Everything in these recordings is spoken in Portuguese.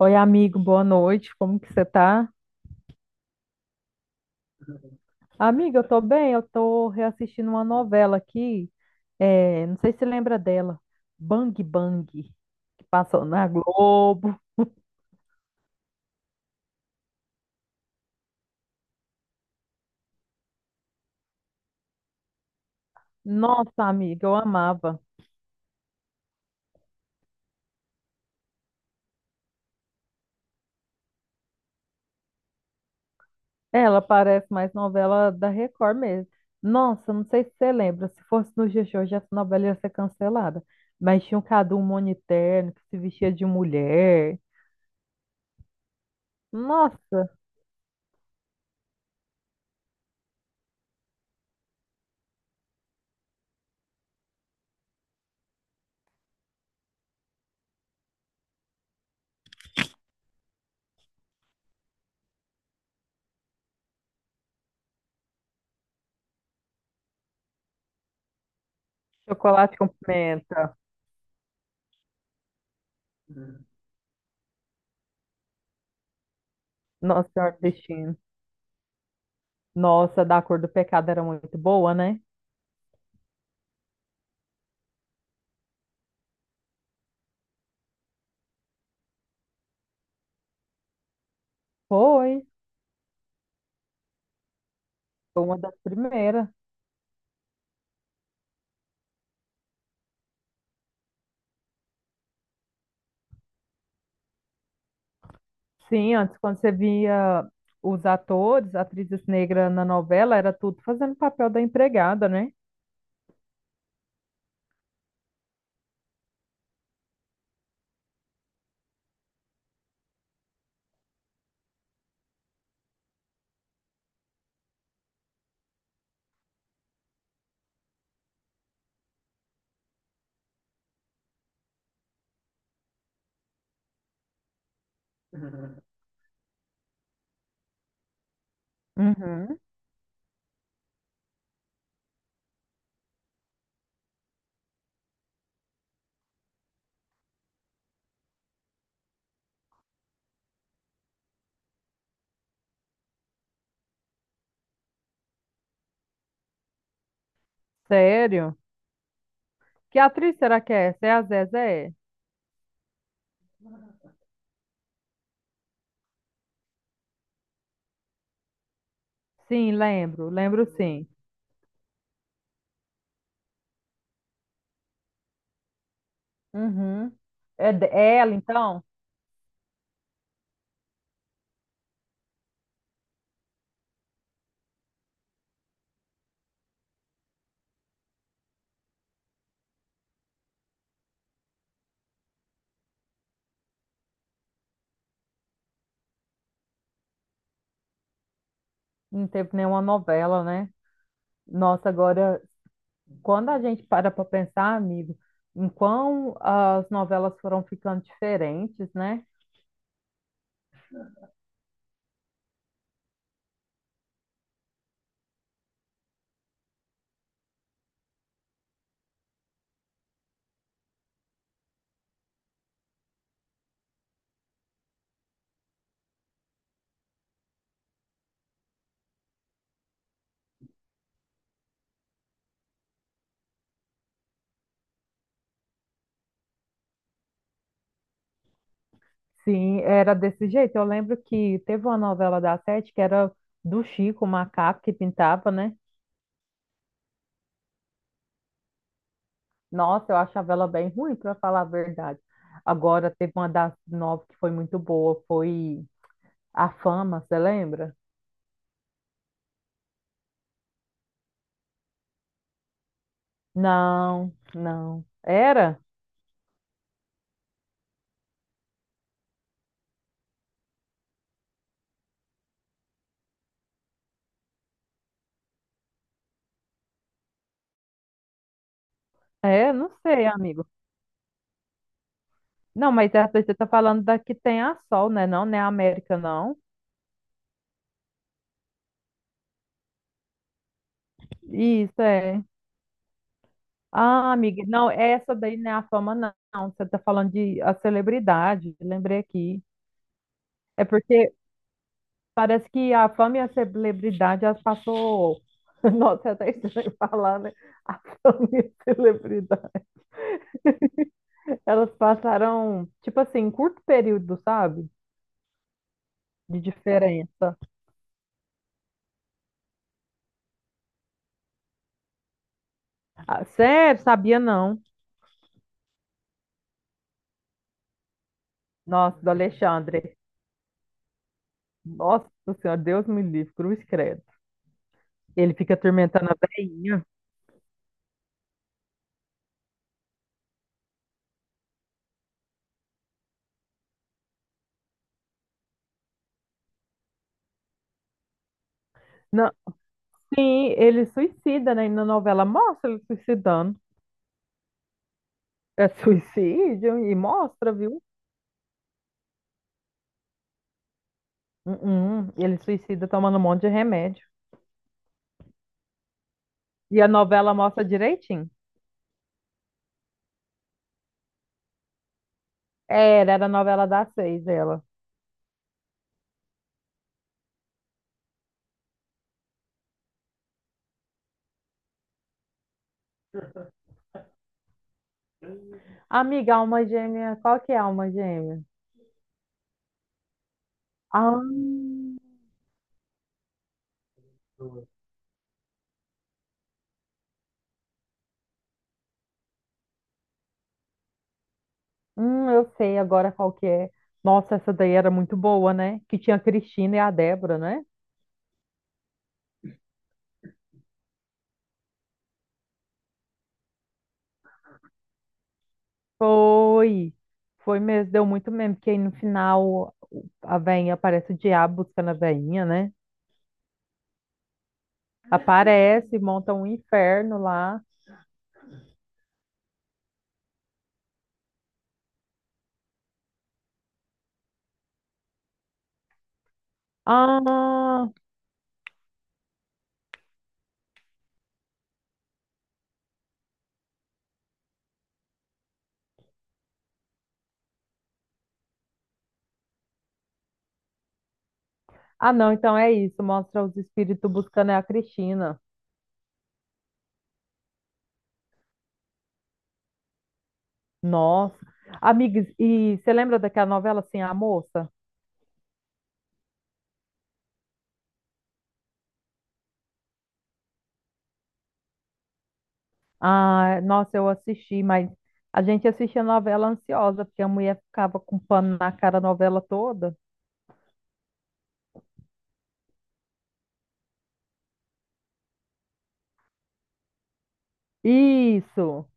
Oi, amigo, boa noite. Como que você tá? Amiga, eu tô bem, eu tô reassistindo uma novela aqui. Não sei se você lembra dela. Bang Bang, que passou na Globo. Nossa, amiga, eu amava. Ela parece mais novela da Record mesmo. Nossa, não sei se você lembra. Se fosse no dia de hoje, essa novela ia ser cancelada. Mas tinha um Cadu Moniterno que se vestia de mulher. Nossa, chocolate com pimenta. Nossa Senhora do Destino. Nossa, da cor do pecado era muito boa, né? Foi, foi uma das primeiras. Sim, antes, quando você via os atores, atrizes negras na novela, era tudo fazendo papel da empregada, né? Uhum. Sério? Que atriz será que é essa? É a Zezé? Sim, lembro, lembro sim. Uhum. É ela, então? Não teve nenhuma novela, né? Nossa, agora quando a gente para pensar, amigo, em quão as novelas foram ficando diferentes, né? Sim, era desse jeito. Eu lembro que teve uma novela da Sete que era do Chico, o macaco que pintava, né? Nossa, eu achava ela bem ruim, para falar a verdade. Agora, teve uma das nove que foi muito boa, foi A Fama, você lembra? Não, não. Era? É, não sei, amigo. Não, mas essa aí você tá falando da que tem a Sol, né? Não, né a América, não. Isso é. Ah, amiga, não, essa daí não é a fama, não. Você está falando de a celebridade, lembrei aqui. É porque parece que a fama e a celebridade, elas passou. Nossa, é até estranho falar, né? A fama e a celebridade. Elas passaram, tipo assim, em curto período, sabe? De diferença. Ah, sério, sabia não. Nossa, do Alexandre. Nossa Senhora, Deus me livre, cruz credo. Ele fica atormentando a velhinha. Sim, ele suicida, né? E na novela mostra ele suicidando. É suicídio e mostra, viu? Ele suicida tomando um monte de remédio. E a novela mostra direitinho. Era, era a novela das seis, ela. Amiga, alma gêmea, qual que é a alma gêmea? Ah, eu sei agora qual que é. Nossa, essa daí era muito boa, né? Que tinha a Cristina e a Débora, né? Foi. Foi mesmo, deu muito mesmo, porque aí no final a veinha aparece o diabo buscando a veinha, né? Aparece, monta um inferno lá. Ah, não, então é isso. Mostra os espíritos buscando a Cristina. Nossa. Amigas, e você lembra daquela novela assim, a moça? Ah, nossa, eu assisti, mas a gente assistia novela ansiosa, porque a mulher ficava com pano na cara a novela toda. Isso.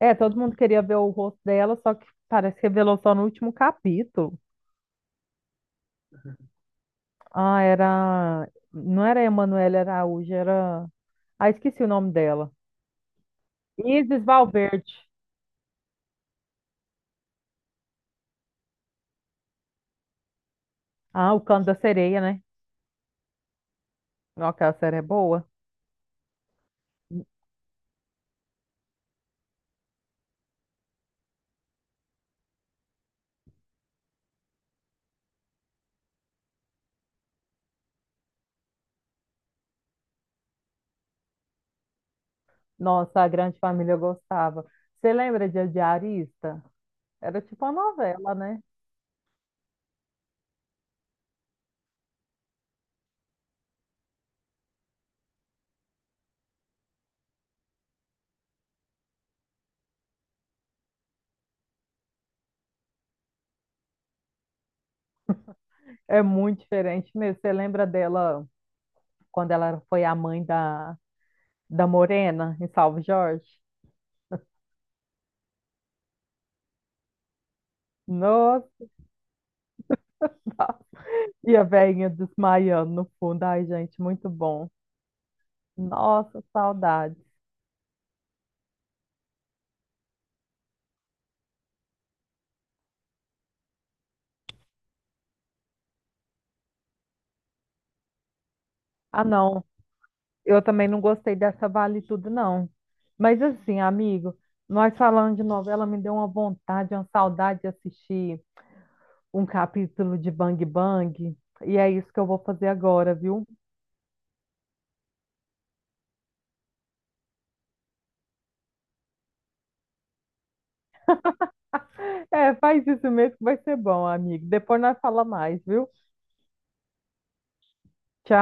É, todo mundo queria ver o rosto dela, só que parece que revelou só no último capítulo. Ah, era. Não era Emanuele Araújo, era. Ah, esqueci o nome dela. Isis Valverde. Ah, o Canto da Sereia, né? Não, aquela série é boa. Nossa, a Grande Família eu gostava. Você lembra de A Diarista? Era tipo uma novela, né? É muito diferente mesmo. Você lembra dela quando ela foi a mãe da, da Morena, em Salve Jorge. Nossa, e a velhinha desmaiando no fundo. Ai, gente, muito bom. Nossa, saudade. Ah, não, eu também não gostei dessa Vale Tudo, não. Mas assim, amigo, nós falando de novela, me deu uma vontade, uma saudade de assistir um capítulo de Bang Bang. E é isso que eu vou fazer agora, viu? É, faz isso mesmo que vai ser bom, amigo. Depois nós fala mais, viu? Tchau.